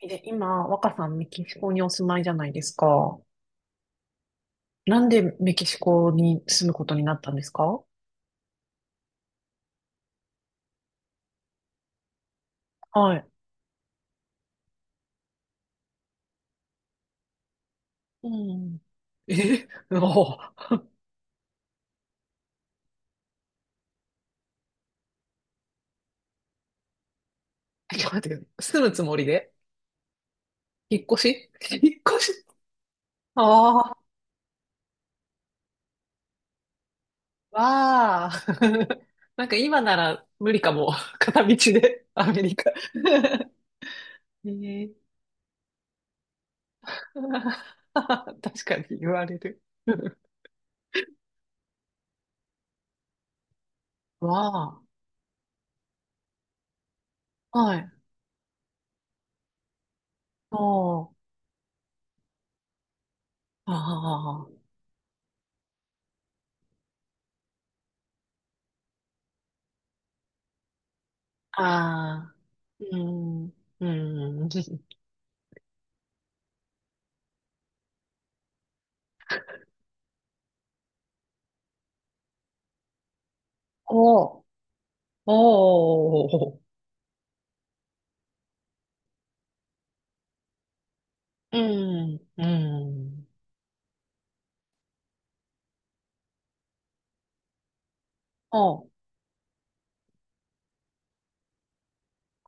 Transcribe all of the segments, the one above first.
え、今、若さん、メキシコにお住まいじゃないですか。なんでメキシコに住むことになったんですか？はい。うん。え、おー、ちょっと待って、住むつもりで？引っ越し?ああー、わあ。なんか今なら無理かも。片道で、アメリカ。えー、確かに言われる。わあ、はい。ああ、ああ、ああ、うん、うん、おおお、うん、うん、お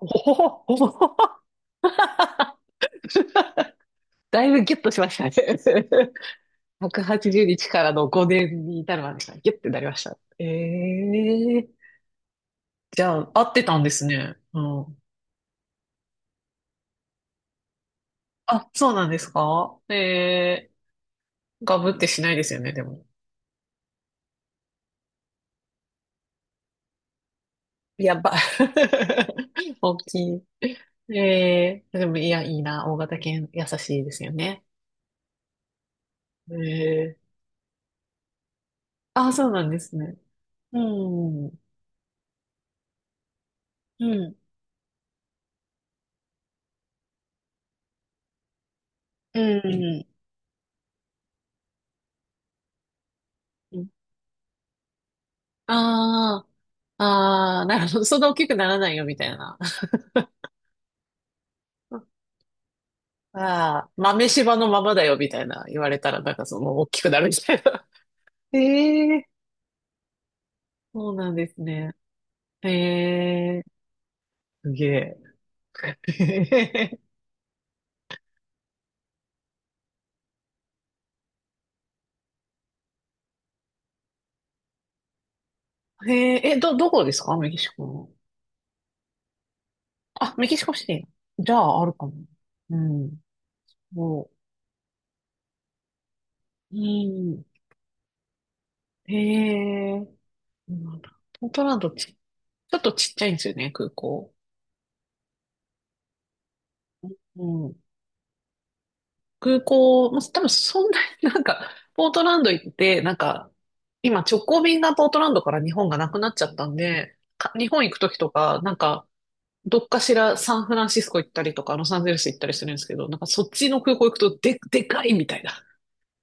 おお、だいぶギュッとしましたね。180日からの5年に至るまでがギュッてなりました。ええ、じゃあ、合ってたんですね。うん。あ、そうなんですか？ええ、ガブってしないですよね、でも。やば。大きい。ええでも、いや、いいな。大型犬、優しいですよね。ええ、あ、そうなんですね。うん。うん。うん。うん。ああ、ああ、なるほど。そんな大きくならないよ、みたいな。ああ、豆柴のままだよ、みたいな言われたら、なんかその、大きくなるみたいな。ええ、そうなんですね。ええ、すげえ。えええ、ど、どこですかメキシコの？あ、メキシコシティ。じゃあ、あるかも。うん。もう、うん。へえ。なんだ、ポートランドち、ちょっとちっちゃいんですよね、空港。うん。空港、まあ、多分そんなになんか、ポートランド行って、なんか、今直行便がポートランドから日本がなくなっちゃったんで、か日本行くときとか、なんか、どっかしらサンフランシスコ行ったりとか、ロサンゼルス行ったりするんですけど、なんかそっちの空港行くとで、でかいみたいな。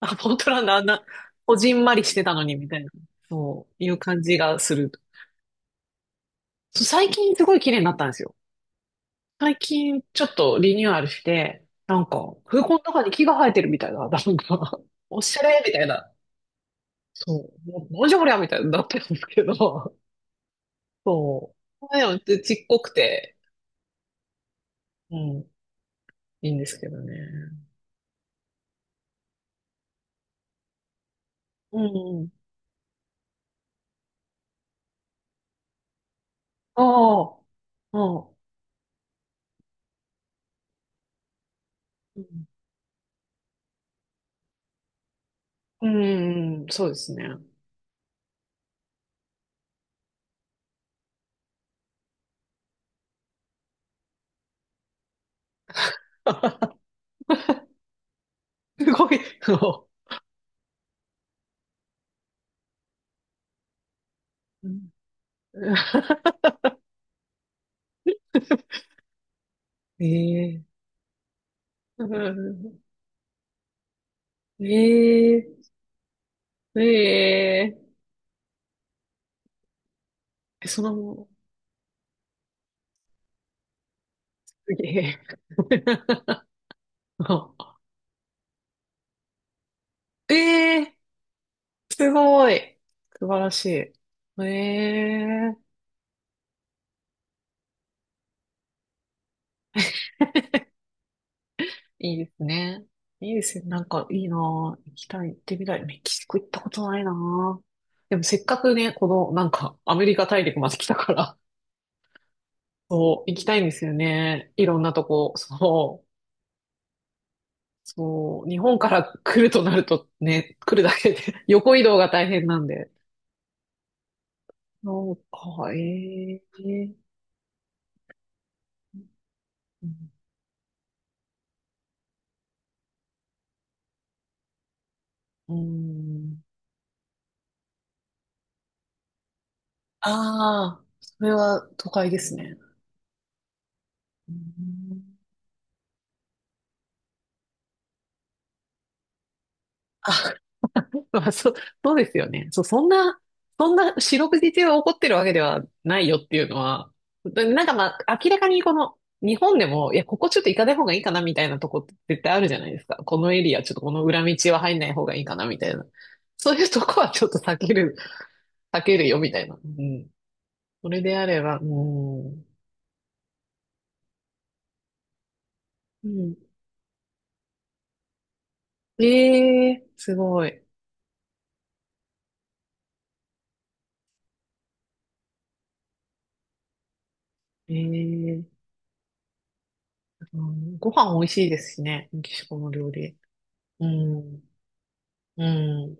あ、ポートランドあんな、こじんまりしてたのにみたいな、そういう感じがする。そう、最近すごい綺麗になったんですよ。最近ちょっとリニューアルして、なんか、空港の中に木が生えてるみたいな、なんか、おしゃれみたいな。そう。な、なんじゃこりゃみたいになってるんですけど。そう。でも、ちっこくて、うん、いいんですけどね。うん。うん。ああ、ああ。うん、うん、うん、そうですね。すごい。そう。うん。 えええええええ、その、すげえ。あ、ええー、すごい。素晴らしい。ええー、いいですね。いいですね。なんかいいなぁ。行きたい、行ってみたい。メキシコ行ったことないなぁ。でもせっかくね、この、なんか、アメリカ大陸まで来たから、そう、行きたいんですよね。いろんなとこ。そう、そう、日本から来るとなるとね、来るだけで 横移動が大変なんで。そうか、ええー。うん。ああ、それは都会ですね。うん。あ、まあ、そう、そうですよね。そう、そんな、そんな四六時中起こってるわけではないよっていうのは、だなんかまあ、明らかにこの、日本でも、いや、ここちょっと行かない方がいいかなみたいなとこって絶対あるじゃないですか。このエリア、ちょっとこの裏道は入んない方がいいかなみたいな。そういうとこはちょっと避ける、避けるよみたいな。うん。それであれば、うん。うん。ええ、すごい。ええ、うん、ご飯美味しいですしね、メキシコの料理。うん、うん。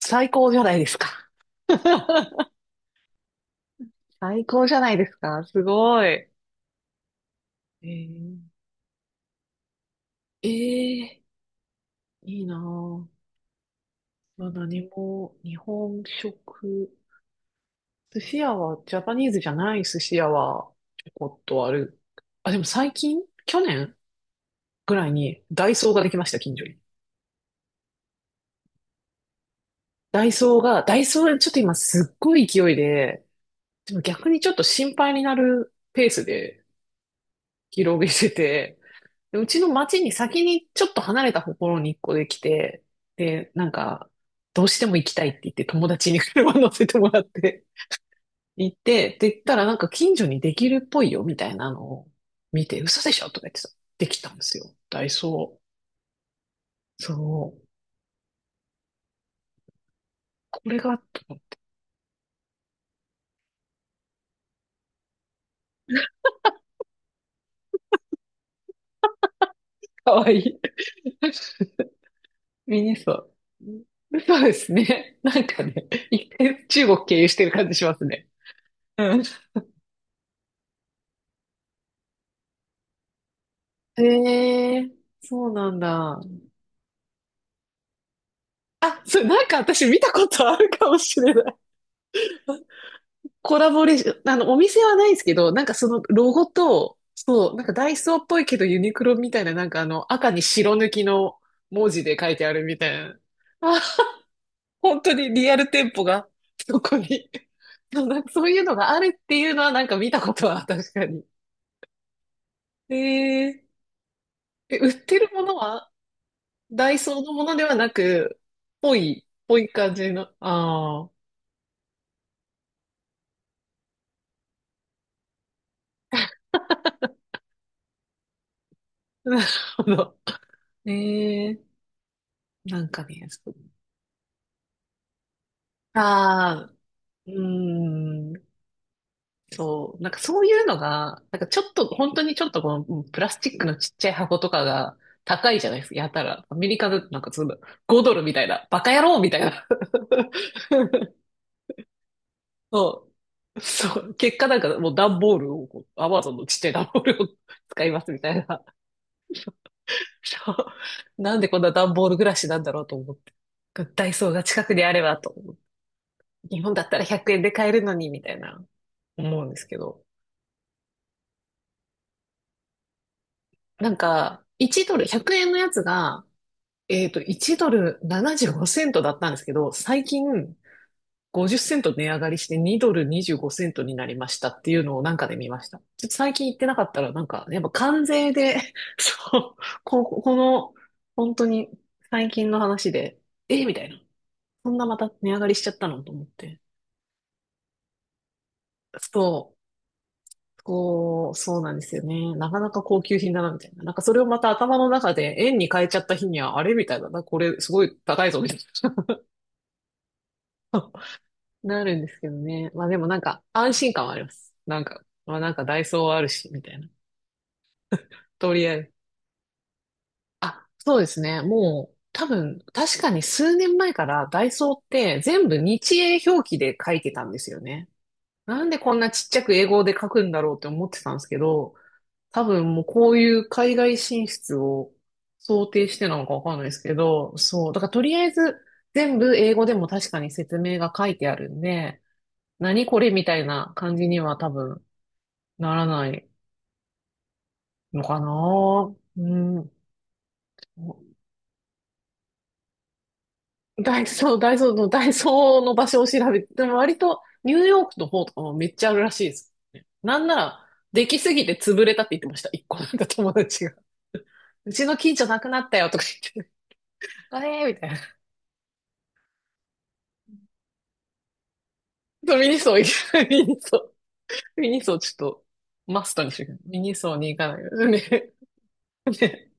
最高じゃないですか。最高じゃないですか。すごい。えー、えー、いいなぁ。まあ、何も、日本食。寿司屋は、ジャパニーズじゃない寿司屋は、ちょこっとある。あ、でも最近、去年ぐらいに、ダイソーができました、近所に。ダイソーが、ダイソーちょっと今すっごい勢いで、でも逆にちょっと心配になるペースで、広げてて、で、うちの町に先にちょっと離れたところに一個できて、で、なんか、どうしても行きたいって言って友達に車乗せてもらって行って、で、言ったらなんか近所にできるっぽいよみたいなのを見て、嘘でしょとか言ってさ、できたんですよ。ダイソー。そう。これが、かわいい。ミニソー。そうですね。なんかね、一回中国経由してる感じしますね。うん。へえ、そうなんだ。あ、それなんか私見たことあるかもしれない。コラボレーション、あの、お店はないですけど、なんかそのロゴと、そう、なんかダイソーっぽいけどユニクロみたいな、なんかあの、赤に白抜きの文字で書いてあるみたいな。あ、本当にリアル店舗が、そこに。でもなんかそういうのがあるっていうのはなんか見たことは確かに。えー、え、売ってるものはダイソーのものではなく、ぽい、ぽい感じの。ああ、なるほど。えー、なんかね、そう、ああ、うーん、そう、なんかそういうのが、なんかちょっと、本当にちょっとこのうん、プラスチックのちっちゃい箱とかが高いじゃないですか、やたら。アメリカだとなんかそんな5ドルみたいな、バカ野郎みたいな。そう。そう。結果なんかもう段ボールをこう、アマゾンのちっちゃい段ボールを 使いますみたいな。そう。なんでこんな段ボール暮らしなんだろうと思って。ダイソーが近くにあればと。日本だったら100円で買えるのに、みたいな、思うんですけど。なんか、1ドル、100円のやつが、えっと、1ドル75セントだったんですけど、最近50セント値上がりして2ドル25セントになりましたっていうのをなんかで見ました。ちょっと最近行ってなかったら、なんか、やっぱ関税で、そう、こ、この、本当に最近の話で、えーみたいな。そんなまた値上がりしちゃったのと思って。そう、こう、そうなんですよね。なかなか高級品だな、みたいな。なんかそれをまた頭の中で円に変えちゃった日には、あれみたいな、な、これすごい高いぞ、みたいな。なるんですけどね。まあでもなんか安心感はあります。なんか、まあなんかダイソーあるし、みたいな。とりあえず。あ、そうですね。もう、多分、確かに数年前からダイソーって全部日英表記で書いてたんですよね。なんでこんなちっちゃく英語で書くんだろうって思ってたんですけど、多分もうこういう海外進出を想定してなのかわかんないですけど、そう。だからとりあえず全部英語でも確かに説明が書いてあるんで、何これみたいな感じには多分ならないのかな。うん。ダイソーの場所を調べて、でも割とニューヨークの方とかもめっちゃあるらしいです。なんなら、できすぎて潰れたって言ってました。一個なんか友達が。うちの近所なくなったよとか言って、あれみたいな。そうミニソー行く。ミニソー。ミニソーちょっとマストにしてくれミニソーに行かないよね。ね。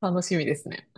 楽しみですね。